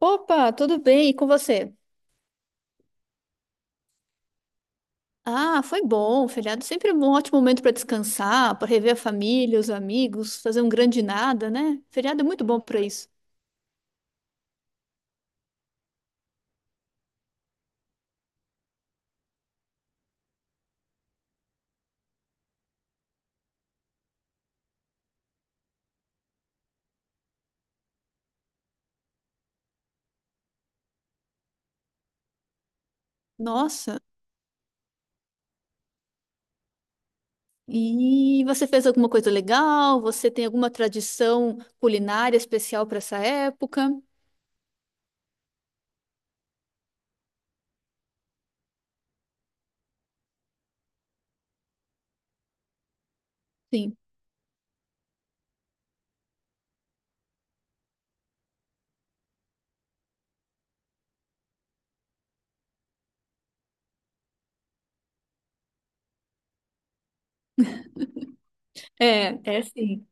Opa, tudo bem? E com você? Ah, foi bom. Feriado sempre é um ótimo momento para descansar, para rever a família, os amigos, fazer um grande nada, né? Feriado é muito bom para isso. Nossa, e você fez alguma coisa legal? Você tem alguma tradição culinária especial para essa época? Sim. É, é sim.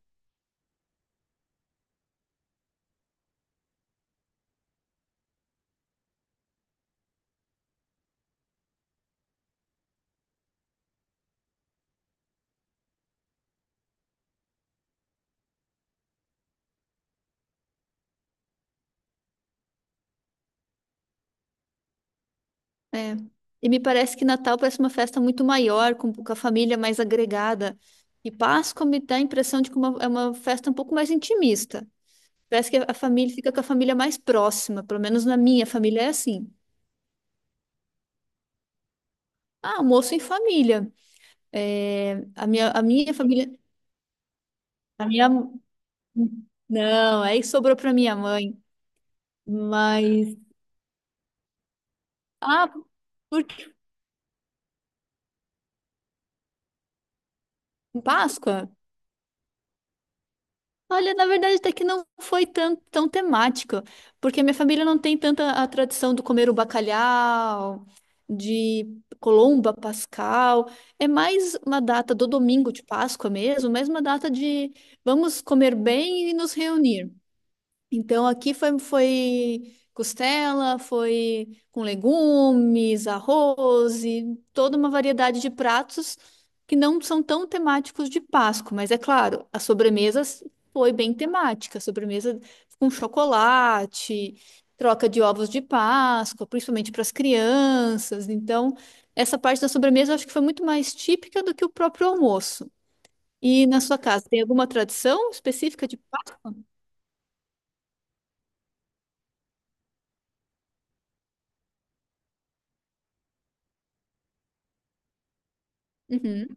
É. E me parece que Natal parece uma festa muito maior, com a família mais agregada. E Páscoa me dá a impressão de que é uma festa um pouco mais intimista. Parece que a família fica com a família mais próxima, pelo menos na minha família é assim. Ah, almoço em família. É, a minha família, a minha, não, aí sobrou para minha mãe. Mas, ah, porque Páscoa? Olha, na verdade, até que não foi tão, tão temático, porque minha família não tem tanta a tradição do comer o bacalhau, de Colomba, Pascal. É mais uma data do domingo de Páscoa mesmo, mais uma data de vamos comer bem e nos reunir. Então aqui foi costela, foi com legumes, arroz e toda uma variedade de pratos que não são tão temáticos de Páscoa, mas é claro, a sobremesa foi bem temática, a sobremesa com chocolate, troca de ovos de Páscoa, principalmente para as crianças. Então, essa parte da sobremesa eu acho que foi muito mais típica do que o próprio almoço. E na sua casa, tem alguma tradição específica de Páscoa? Uhum.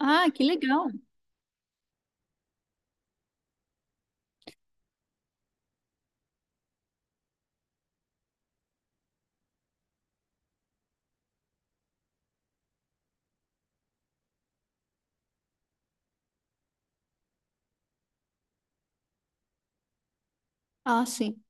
Ah, que legal. Ah, sim.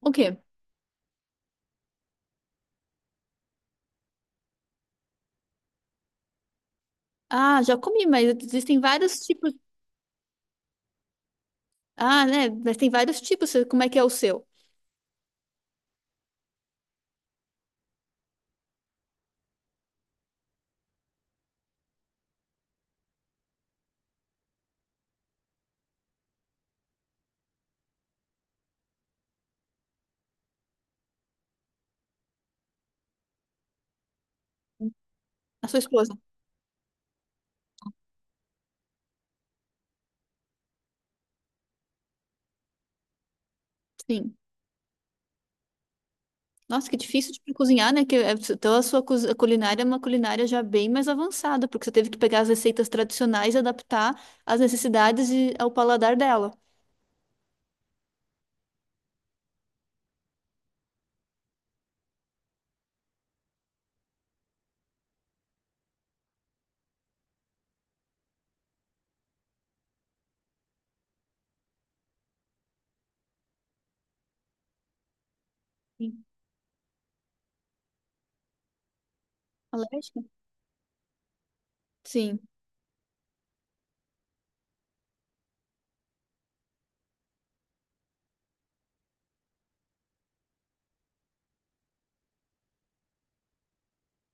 O quê? Ah, já comi, mas existem vários tipos. Ah, né? Mas tem vários tipos. Como é que é o seu? A sua esposa? Sim. Nossa, que difícil de cozinhar, né? Que, então a culinária é uma culinária já bem mais avançada, porque você teve que pegar as receitas tradicionais e adaptar às necessidades e ao paladar dela. Alérgica? Sim.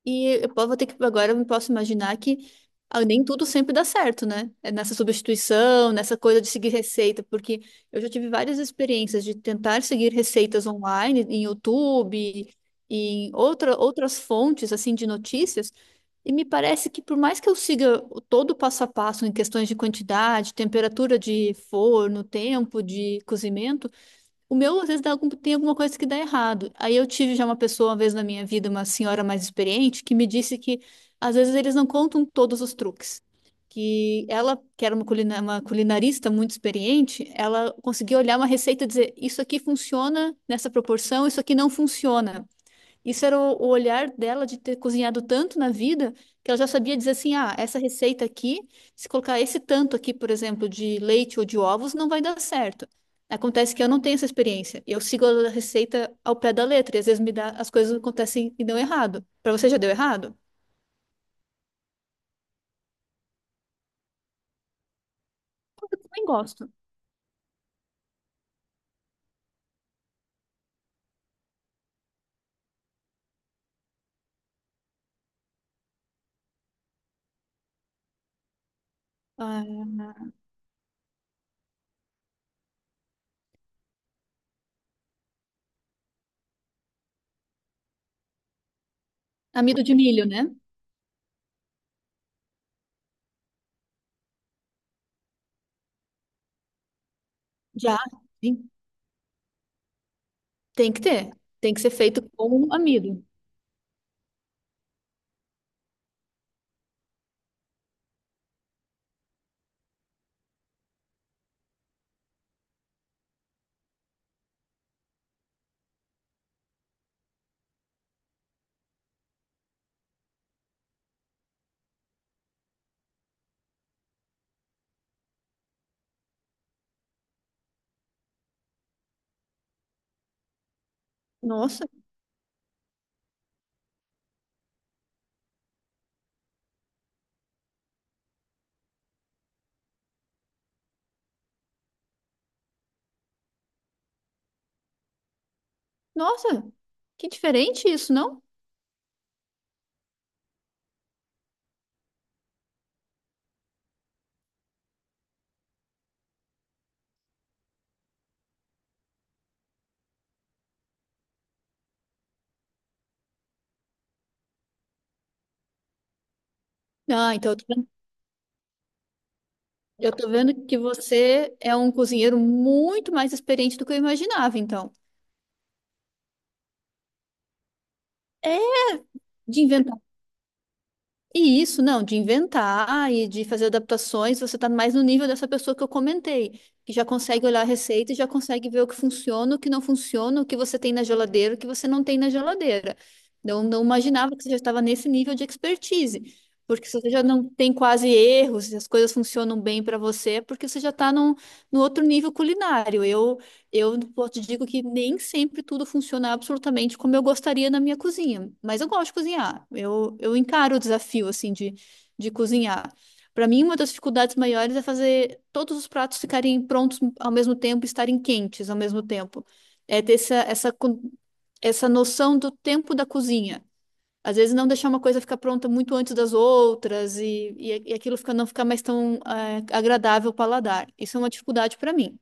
Vou ter que agora eu posso imaginar que ah, nem tudo sempre dá certo, né? É nessa substituição, nessa coisa de seguir receita, porque eu já tive várias experiências de tentar seguir receitas online, em YouTube, em outra, outras fontes assim de notícias, e me parece que por mais que eu siga todo o passo a passo em questões de quantidade, temperatura de forno, tempo de cozimento. O meu, às vezes, dá tem alguma coisa que dá errado. Aí eu tive já uma pessoa, uma vez na minha vida, uma senhora mais experiente, que me disse que, às vezes, eles não contam todos os truques. Que ela, que era uma culinarista muito experiente, ela conseguia olhar uma receita e dizer: Isso aqui funciona nessa proporção, isso aqui não funciona. Isso era o olhar dela de ter cozinhado tanto na vida que ela já sabia dizer assim: ah, essa receita aqui, se colocar esse tanto aqui, por exemplo, de leite ou de ovos, não vai dar certo. Acontece que eu não tenho essa experiência. Eu sigo a receita ao pé da letra e às vezes me dá, as coisas acontecem e dão errado. Para você já deu errado? Eu também gosto. Ah, amido de milho, né? Já. Sim. Tem que ter. Tem que ser feito com amido. Nossa, nossa, que diferente isso, não? Ah, então. Eu tô vendo que você é um cozinheiro muito mais experiente do que eu imaginava, então. É, de inventar. E isso, não, de inventar e de fazer adaptações, você tá mais no nível dessa pessoa que eu comentei, que já consegue olhar a receita e já consegue ver o que funciona, o que não funciona, o que você tem na geladeira, o que você não tem na geladeira. Não, não imaginava que você já estava nesse nível de expertise, porque se você já não tem quase erros, e as coisas funcionam bem para você, é porque você já está num, no outro nível culinário. Eu te digo que nem sempre tudo funciona absolutamente como eu gostaria na minha cozinha, mas eu gosto de cozinhar. Eu encaro o desafio assim de cozinhar. Para mim, uma das dificuldades maiores é fazer todos os pratos ficarem prontos ao mesmo tempo, e estarem quentes ao mesmo tempo. É ter essa, essa essa noção do tempo da cozinha. Às vezes não deixar uma coisa ficar pronta muito antes das outras e, e aquilo fica, não ficar mais tão agradável ao paladar. Isso é uma dificuldade para mim.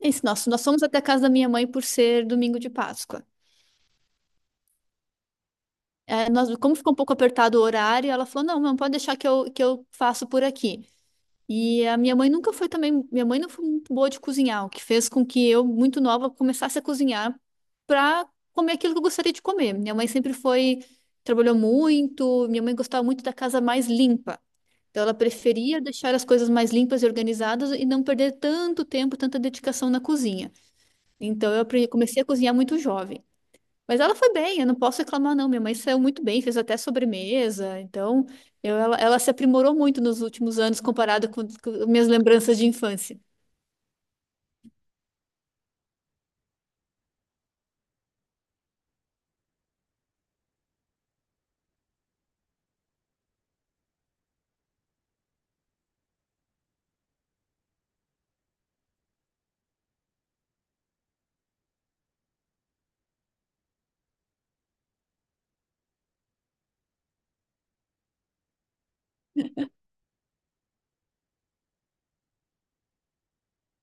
É isso, nós fomos até a casa da minha mãe por ser domingo de Páscoa. É, nós, como ficou um pouco apertado o horário, ela falou: não, não pode deixar que eu faço por aqui. E a minha mãe nunca foi também, minha mãe não foi muito boa de cozinhar, o que fez com que eu, muito nova, começasse a cozinhar para comer aquilo que eu gostaria de comer. Minha mãe sempre foi, trabalhou muito, minha mãe gostava muito da casa mais limpa. Então ela preferia deixar as coisas mais limpas e organizadas e não perder tanto tempo, tanta dedicação na cozinha. Então eu comecei a cozinhar muito jovem. Mas ela foi bem, eu não posso reclamar, não. Minha mãe saiu muito bem, fez até sobremesa. Então, ela se aprimorou muito nos últimos anos comparado com minhas lembranças de infância.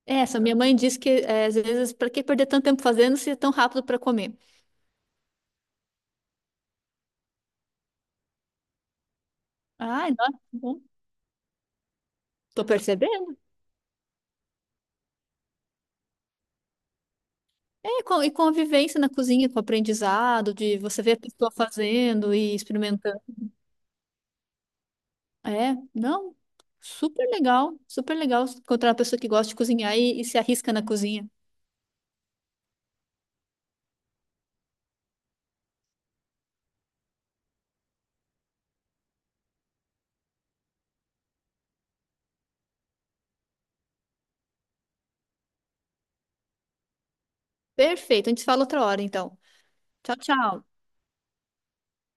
É, só minha mãe disse que é, às vezes, para que perder tanto tempo fazendo se é tão rápido para comer? Ai, nossa, que bom. Tô percebendo. É, e com a vivência na cozinha, com o aprendizado, de você ver a pessoa fazendo e experimentando. É, não, super legal encontrar uma pessoa que gosta de cozinhar e se arrisca na cozinha. Perfeito, a gente se fala outra hora, então. Tchau, tchau.